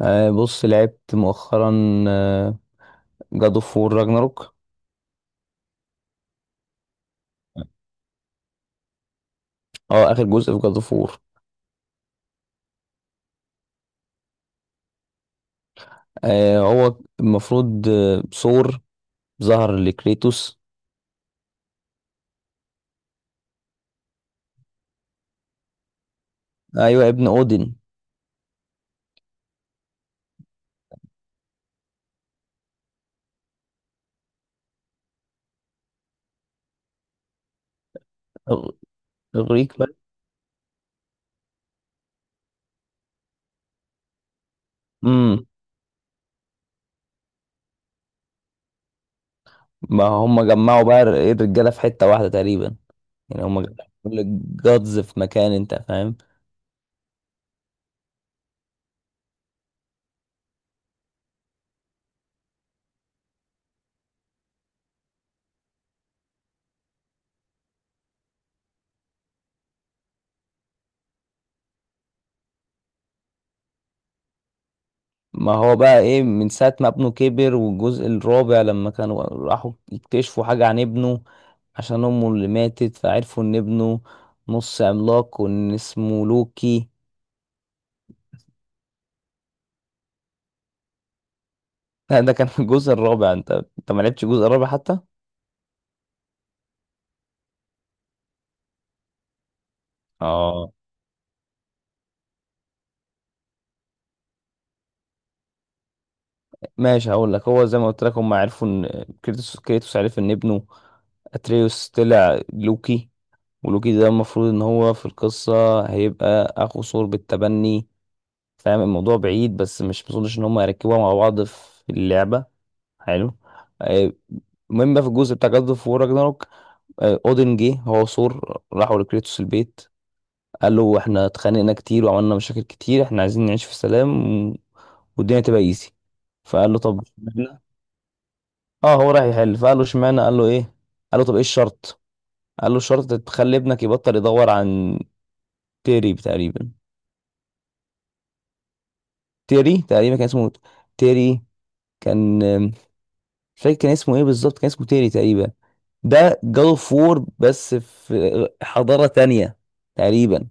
بص، لعبت مؤخرا جاد اوف وور راجناروك. اه اخر جزء في جاد اوف وور. هو المفروض، ثور ظهر لكريتوس. ايوه، ابن اودين. إغ- اغريق بقى. امم ما هم جمعوا بقى الرجاله في حته واحده تقريبا، يعني هم جمعوا كل الجادز في مكان، انت فاهم. ما هو بقى ايه، من ساعة ما ابنه كبر والجزء الرابع لما كانوا راحوا يكتشفوا حاجة عن ابنه، عشان امه اللي ماتت، فعرفوا ان ابنه نص عملاق وان اسمه لوكي. لا، ده كان في الجزء الرابع. انت ما لعبتش الجزء الرابع حتى. اه ماشي، هقول لك، هو زي ما قلت لك، هم عرفوا ان كريتوس عرف ان ابنه اتريوس طلع لوكي. ولوكي ده المفروض ان هو في القصة هيبقى اخو ثور بالتبني. فاهم الموضوع بعيد، بس مش مظنش ان هم يركبوها مع بعض في اللعبه. حلو. آه، المهم بقى، في الجزء بتاع جاد اوف وور راجناروك، اودن جه هو وثور راحوا لكريتوس البيت. قال له احنا اتخانقنا كتير وعملنا مشاكل كتير، احنا عايزين نعيش في سلام و- والدنيا تبقى ايزي. فقال له طب اشمعنى؟ اه، هو رايح يحل. فقال له اشمعنى، قال له ايه، قال له طب ايه الشرط؟ قال له الشرط تخلي ابنك يبطل يدور عن تيري تقريبا. تيري تقريبا كان اسمه تيري. كان مش فاكر كان اسمه ايه بالظبط، كان اسمه تيري تقريبا. ده جاد اوف وور بس في حضارة تانية تقريبا.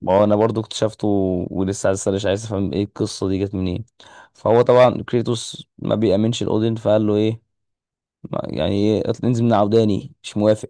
ما هو انا برضو اكتشفته، ولسه عايز اسأل، مش عايز افهم ايه القصة دي جت منين. فهو طبعا كريتوس ما بيأمنش الاودين. فقال له ايه، يعني ايه، انزل من عوداني، مش موافق.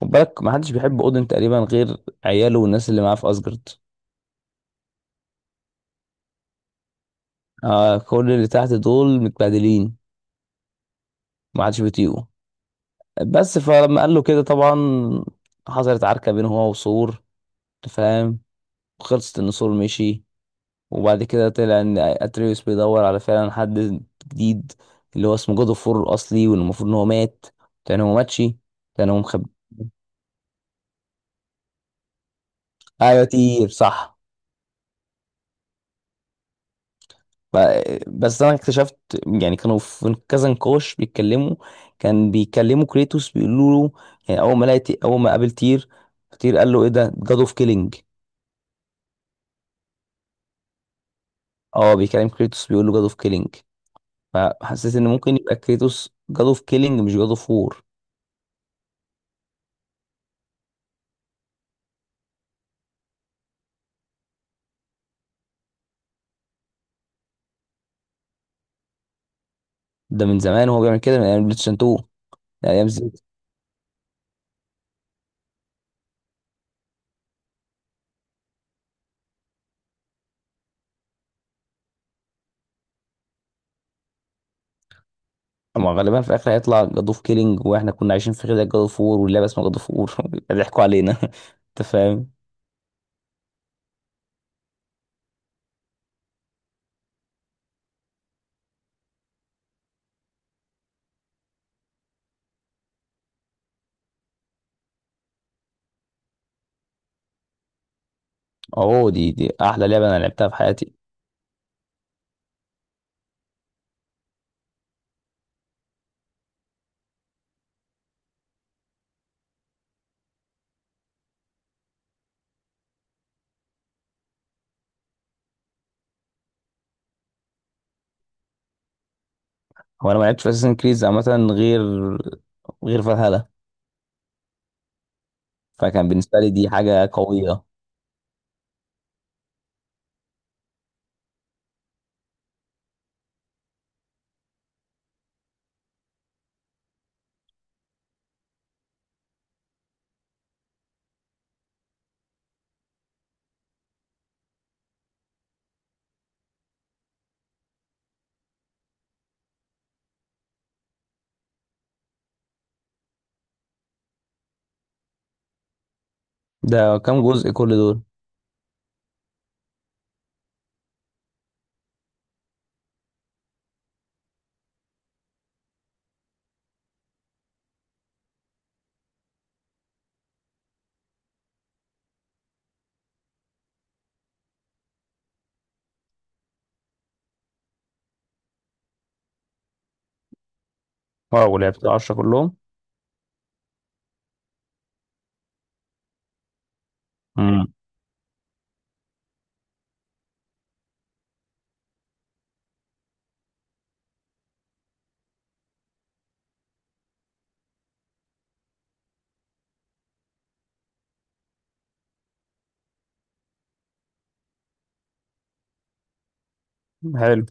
خد بالك، ما حدش بيحب اودين تقريبا غير عياله والناس اللي معاه في اسجارد. آه، كل اللي تحت دول متبهدلين، ما حدش بيطيقه. بس فلما قال له كده، طبعا حصلت عركة بينه هو وثور، أنت فاهم. خلصت ان سول مشي، وبعد كده طلع ان اتريوس بيدور على فعلا حد جديد، اللي هو اسمه جود اوف وور الاصلي، واللي المفروض ان هو مات. كان هو ماتشي، كان هو مخبي. ايوه تير، صح. بس انا اكتشفت، يعني كانوا في كذا نقاش بيتكلموا، كان بيكلموا كريتوس، بيقولوا له، يعني اول ما قابل تير، تير قال له ايه ده جاد اوف كيلينج. اه بيكلم كريتوس بيقول له جاد اوف كيلينج. فحسيت ان ممكن يبقى كريتوس جاد اوف كيلينج مش جاد اوف وور. ده من زمان وهو بيعمل كده، من ايام بلايستيشن 2، من ايام زد. اما غالبا في الاخر هيطلع جاد اوف كيلينج، واحنا كنا عايشين في خير، جاد اوف وور واللعبه اسمها جاد اوف وور. ضحكوا علينا. انت فاهم. اهو دي احلى لعبه انا لعبتها في حياتي. هو انا ما لعبتش في اساسن كريز عامه، غير غير فالهالا. فكان بالنسبه لي دي حاجه قويه. ده كام جزء كل دول؟ اه، ولعبت 10 كلهم. امم. حلو.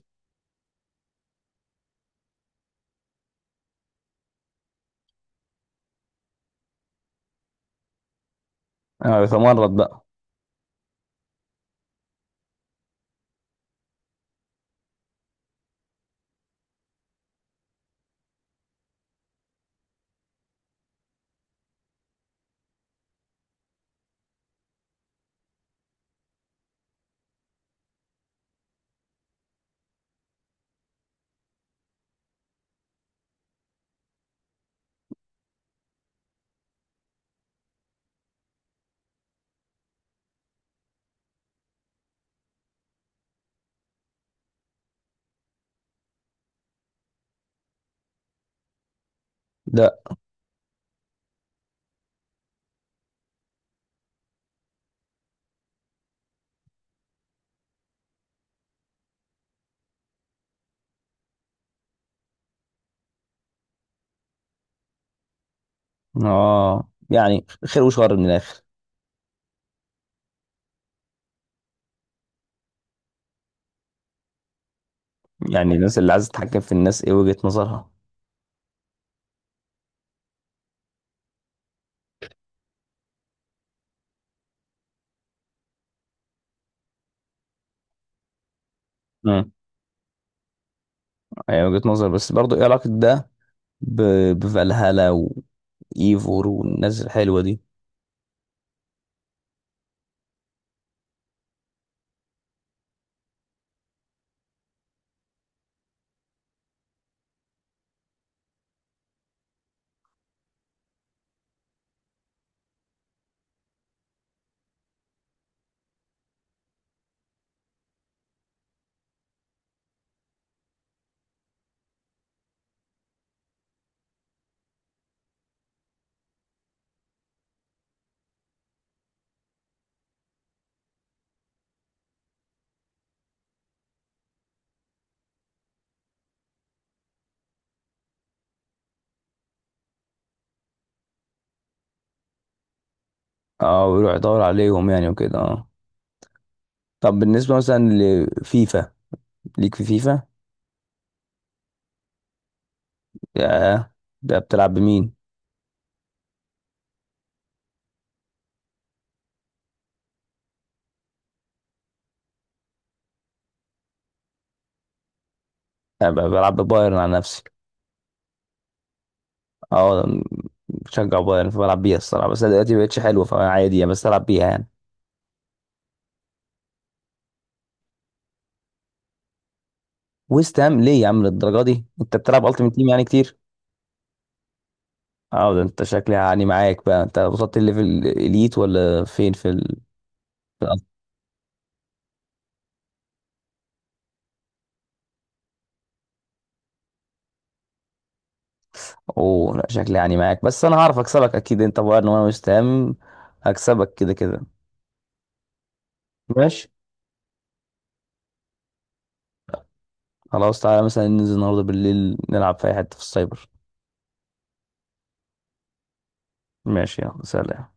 انا بتمرد بقى. ده، اه، يعني خير وشر من الاخر. يعني الناس اللي عايزه تتحكم في الناس ايه وجهة نظرها؟ امم يعني وجهة نظر، بس برضو ايه علاقة ده بفالهالا وايفور والناس الحلوة دي؟ اه، ويروح يدور عليهم يعني وكده، اه. طب بالنسبة مثلا لفيفا، ليك في فيفا؟ يا، ده بتلعب بمين؟ أنا بلعب ببايرن على نفسي. اه، أنا بشجع بايرن فبلعب بيها الصراحة، بس أنا دلوقتي مبقتش حلوة فعادي يعني، بس ألعب بيها يعني. ويست هام ليه يا عم للدرجة دي؟ أنت بتلعب التيمت تيم يعني كتير؟ اه، ده أنت شكلي يعني معاك بقى، أنت وصلت الليفل الإليت ولا فين في ال... اوه لا، شكلي يعني معاك، بس انا هعرف اكسبك اكيد، انت بقى ان انا مستهم، هكسبك كده كده. ماشي، خلاص، تعالى مثلا ننزل النهارده بالليل نلعب في اي حته في السايبر. ماشي، يلا سلام.